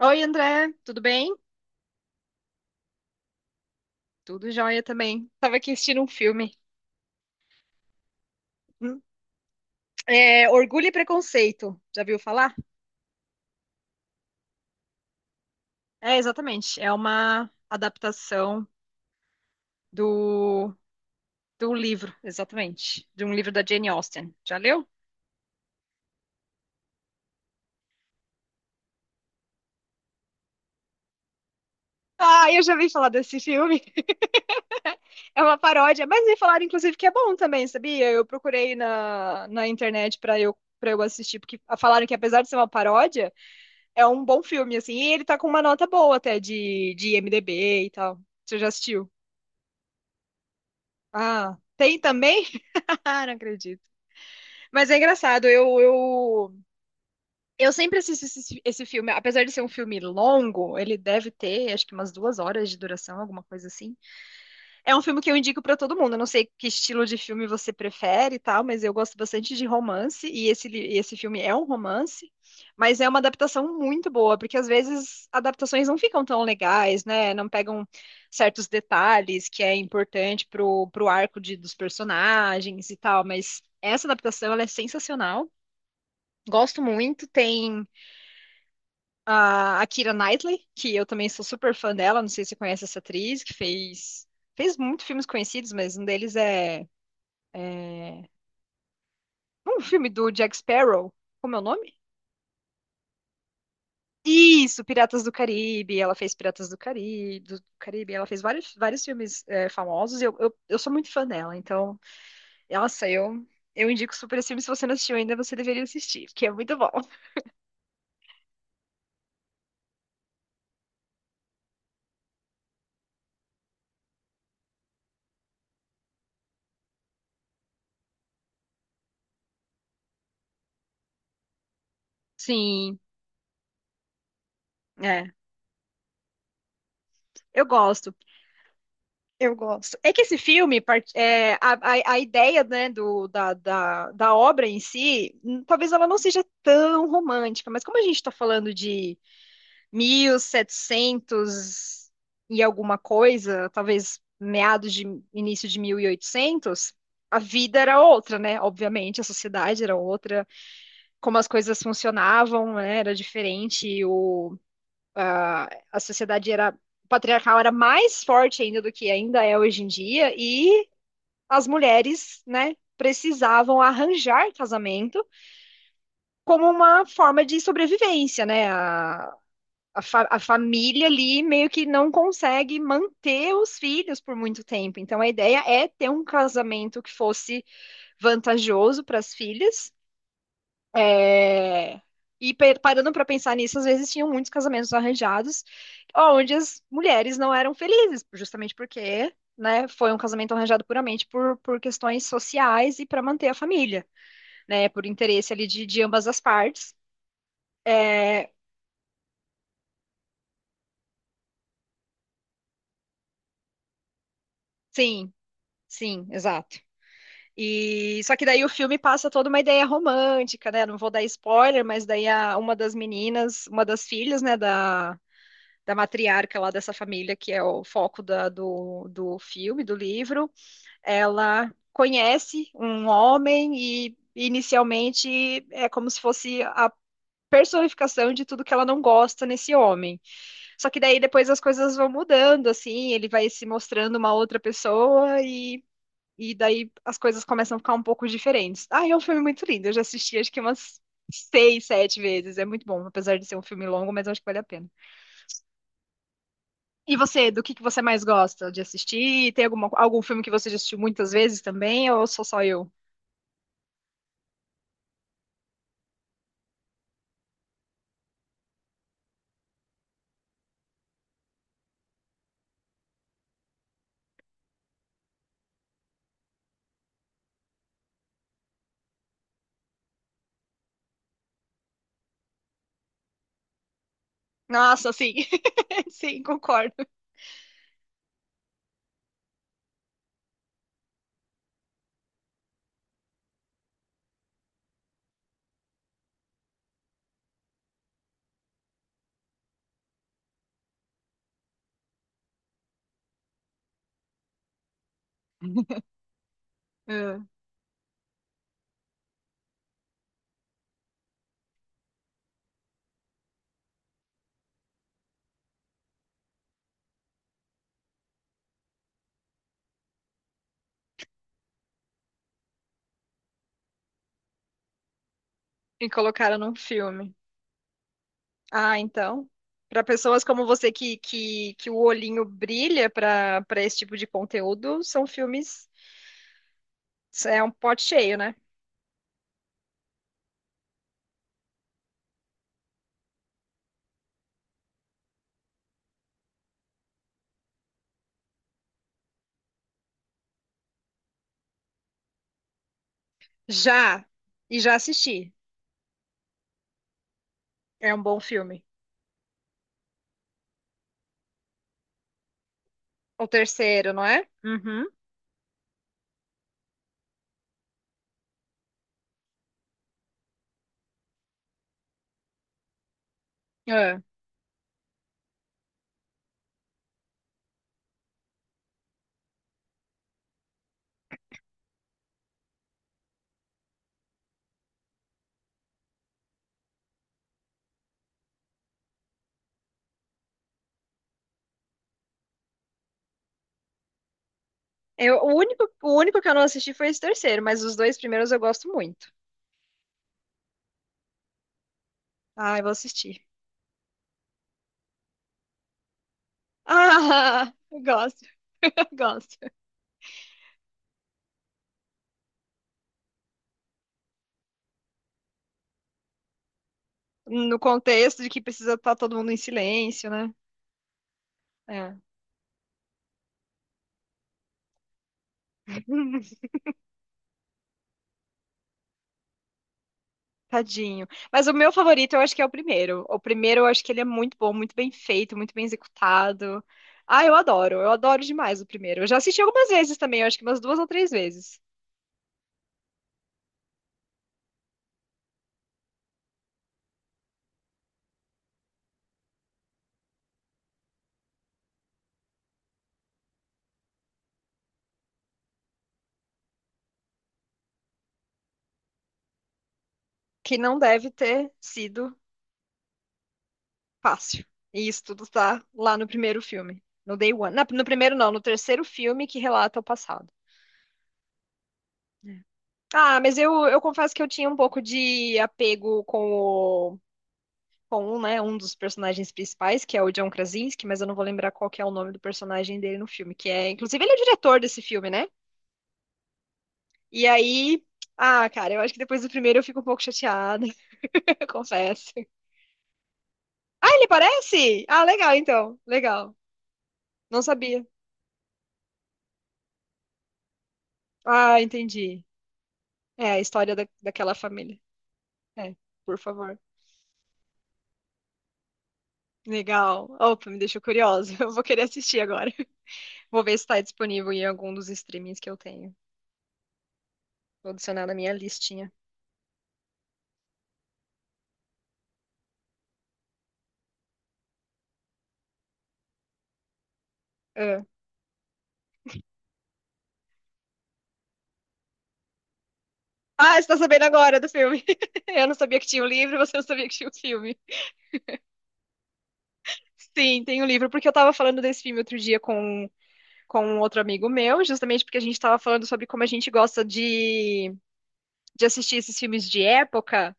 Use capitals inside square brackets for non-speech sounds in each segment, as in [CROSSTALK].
Oi, André, tudo bem? Tudo jóia também. Tava aqui assistindo um filme. Hum. É, Orgulho e Preconceito. Já viu falar? É, exatamente. É uma adaptação do, do livro, exatamente. De um livro da Jane Austen. Já leu? Ah, eu já vi falar desse filme. É uma paródia, mas me falaram, inclusive, que é bom também, sabia? Eu procurei na internet para eu assistir, porque falaram que apesar de ser uma paródia. É um bom filme, assim. E ele tá com uma nota boa até de IMDb e tal. Você já assistiu? Ah, tem também? [LAUGHS] Ah, não acredito. Mas é engraçado, eu sempre assisto esse filme. Apesar de ser um filme longo, ele deve ter, acho que umas duas horas de duração, alguma coisa assim. É um filme que eu indico pra todo mundo. Eu não sei que estilo de filme você prefere e tal, mas eu gosto bastante de romance e esse, e esse filme é um romance, mas é uma adaptação muito boa, porque às vezes adaptações não ficam tão legais, né? Não pegam certos detalhes que é importante pro arco dos personagens e tal, mas essa adaptação ela é sensacional. Gosto muito, tem a Keira Knightley, que eu também sou super fã dela, não sei se você conhece essa atriz, que fez muitos filmes conhecidos, mas um deles é um filme do Jack Sparrow, como é o nome? Isso, Piratas do Caribe, ela fez Piratas do Caribe, ela fez vários, vários filmes é, famosos, e eu sou muito fã dela, então, nossa, eu indico super esse filme, se você não assistiu ainda, você deveria assistir, porque é muito bom. Sim, é, eu gosto. Eu gosto. É que esse filme, é, a ideia, né, da obra em si, talvez ela não seja tão romântica, mas como a gente está falando de 1700 e alguma coisa, talvez meados de início de 1800, a vida era outra, né? Obviamente, a sociedade era outra, como as coisas funcionavam, né, era diferente, o a sociedade era patriarcal era mais forte ainda do que ainda é hoje em dia e as mulheres, né, precisavam arranjar casamento como uma forma de sobrevivência, né? A, fa a família ali meio que não consegue manter os filhos por muito tempo. Então a ideia é ter um casamento que fosse vantajoso para as filhas. É, E pe- parando para pensar nisso, às vezes tinham muitos casamentos arranjados, onde as mulheres não eram felizes, justamente porque, né, foi um casamento arranjado puramente por questões sociais e para manter a família, né, por interesse ali de ambas as partes. É, sim, sim, exato. E só que daí o filme passa toda uma ideia romântica, né? Não vou dar spoiler, mas daí a, uma das meninas, uma das filhas, né, da matriarca lá dessa família, que é o foco do filme, do livro, ela conhece um homem e inicialmente é como se fosse a personificação de tudo que ela não gosta nesse homem. Só que daí depois as coisas vão mudando, assim, ele vai se mostrando uma outra pessoa e, daí as coisas começam a ficar um pouco diferentes. Ah, é um filme muito lindo, eu já assisti acho que umas seis, sete vezes, é muito bom, apesar de ser um filme longo, mas eu acho que vale a pena. E você, do que você mais gosta de assistir? Tem alguma, algum filme que você já assistiu muitas vezes também, ou sou só eu? Nossa, sim. [LAUGHS] Sim, concordo. É. E colocaram num filme. Ah, então. Para pessoas como você que o olhinho brilha para esse tipo de conteúdo, são filmes. É um pote cheio, né? Já. E já assisti. É um bom filme. O terceiro, não é? Uhum. É. Eu, o único que eu não assisti foi esse terceiro, mas os dois primeiros eu gosto muito. Ah, eu vou assistir. [LAUGHS] Ah, eu gosto, [LAUGHS] eu gosto. No contexto de que precisa estar todo mundo em silêncio, né? É. [LAUGHS] Tadinho. Mas o meu favorito eu acho que é o primeiro. O primeiro eu acho que ele é muito bom, muito bem feito, muito bem executado. Ah, eu adoro demais o primeiro. Eu já assisti algumas vezes também, eu acho que umas duas ou três vezes. Que não deve ter sido fácil. E isso tudo tá lá no primeiro filme. No Day One. Na- no primeiro, não, no terceiro filme que relata o passado. Ah, mas eu confesso que eu tinha um pouco de apego com o. Com um, né, um dos personagens principais, que é o John Krasinski, mas eu não vou lembrar qual que é o nome do personagem dele no filme, que é, inclusive, ele é o diretor desse filme, né? E aí, ah, cara, eu acho que depois do primeiro eu fico um pouco chateada, [LAUGHS] eu confesso. Ah, ele parece? Ah, legal, então, legal. Não sabia. Ah, entendi. É a história da, daquela família. É, por favor. Legal. Opa, me deixou curiosa. [LAUGHS] Eu vou querer assistir agora. [LAUGHS] Vou ver se está disponível em algum dos streamings que eu tenho. Vou adicionar na minha listinha. Ah, Ah, você está sabendo agora do filme. [LAUGHS] Eu não sabia que tinha um livro, [LAUGHS] você não sabia que tinha um filme. Sim, tem o um livro, porque eu estava falando desse filme outro dia com um outro amigo meu, justamente porque a gente estava falando sobre como a gente gosta de assistir esses filmes de época.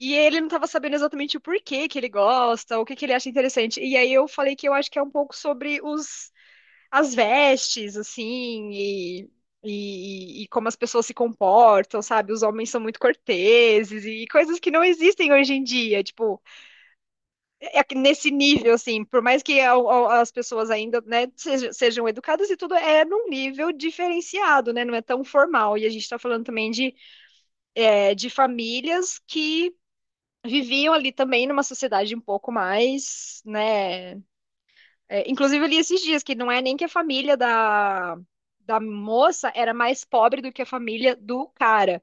E ele não estava sabendo exatamente o porquê que ele gosta, o que que ele acha interessante. E aí eu falei que eu acho que é um pouco sobre as vestes, assim, e como as pessoas se comportam, sabe? Os homens são muito corteses e coisas que não existem hoje em dia, tipo, é que nesse nível, assim, por mais que as pessoas ainda, né, sejam educadas e tudo, é num nível diferenciado, né? Não é tão formal. E a gente está falando também de de famílias que viviam ali também numa sociedade um pouco mais, né? É, inclusive eu li esses dias que não é nem que a família da moça era mais pobre do que a família do cara,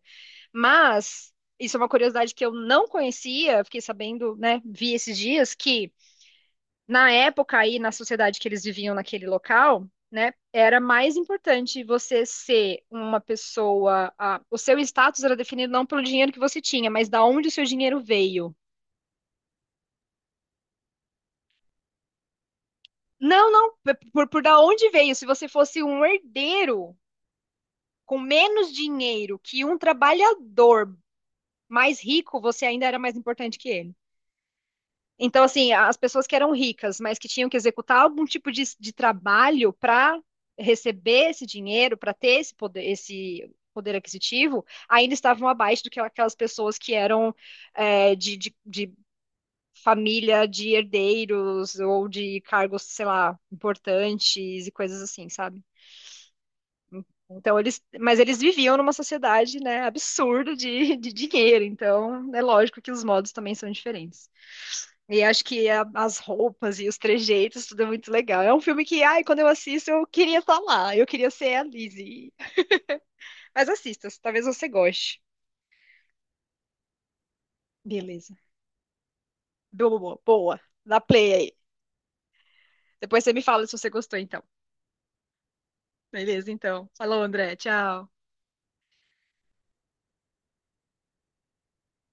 mas isso é uma curiosidade que eu não conhecia, fiquei sabendo, né? Vi esses dias que na época aí na sociedade que eles viviam naquele local né, era mais importante você ser uma pessoa. A- o seu status era definido não pelo dinheiro que você tinha, mas da onde o seu dinheiro veio. Não, não, por da onde veio? Se você fosse um herdeiro com menos dinheiro que um trabalhador mais rico, você ainda era mais importante que ele. Então, assim, as pessoas que eram ricas, mas que tinham que executar algum tipo de trabalho para receber esse dinheiro, para ter esse poder aquisitivo, ainda estavam abaixo do que aquelas pessoas que eram é, de família de herdeiros ou de cargos, sei lá, importantes e coisas assim, sabe? Então eles, mas eles viviam numa sociedade, né, absurda de dinheiro, então é lógico que os modos também são diferentes. E acho que as roupas e os trejeitos, tudo é muito legal. É um filme que, ai, quando eu assisto, eu queria estar lá, eu queria ser a Lizzie. Mas assista, talvez você goste. Beleza. Boa, boa, boa. Dá play aí. Depois você me fala se você gostou, então. Beleza, então. Falou, André. Tchau.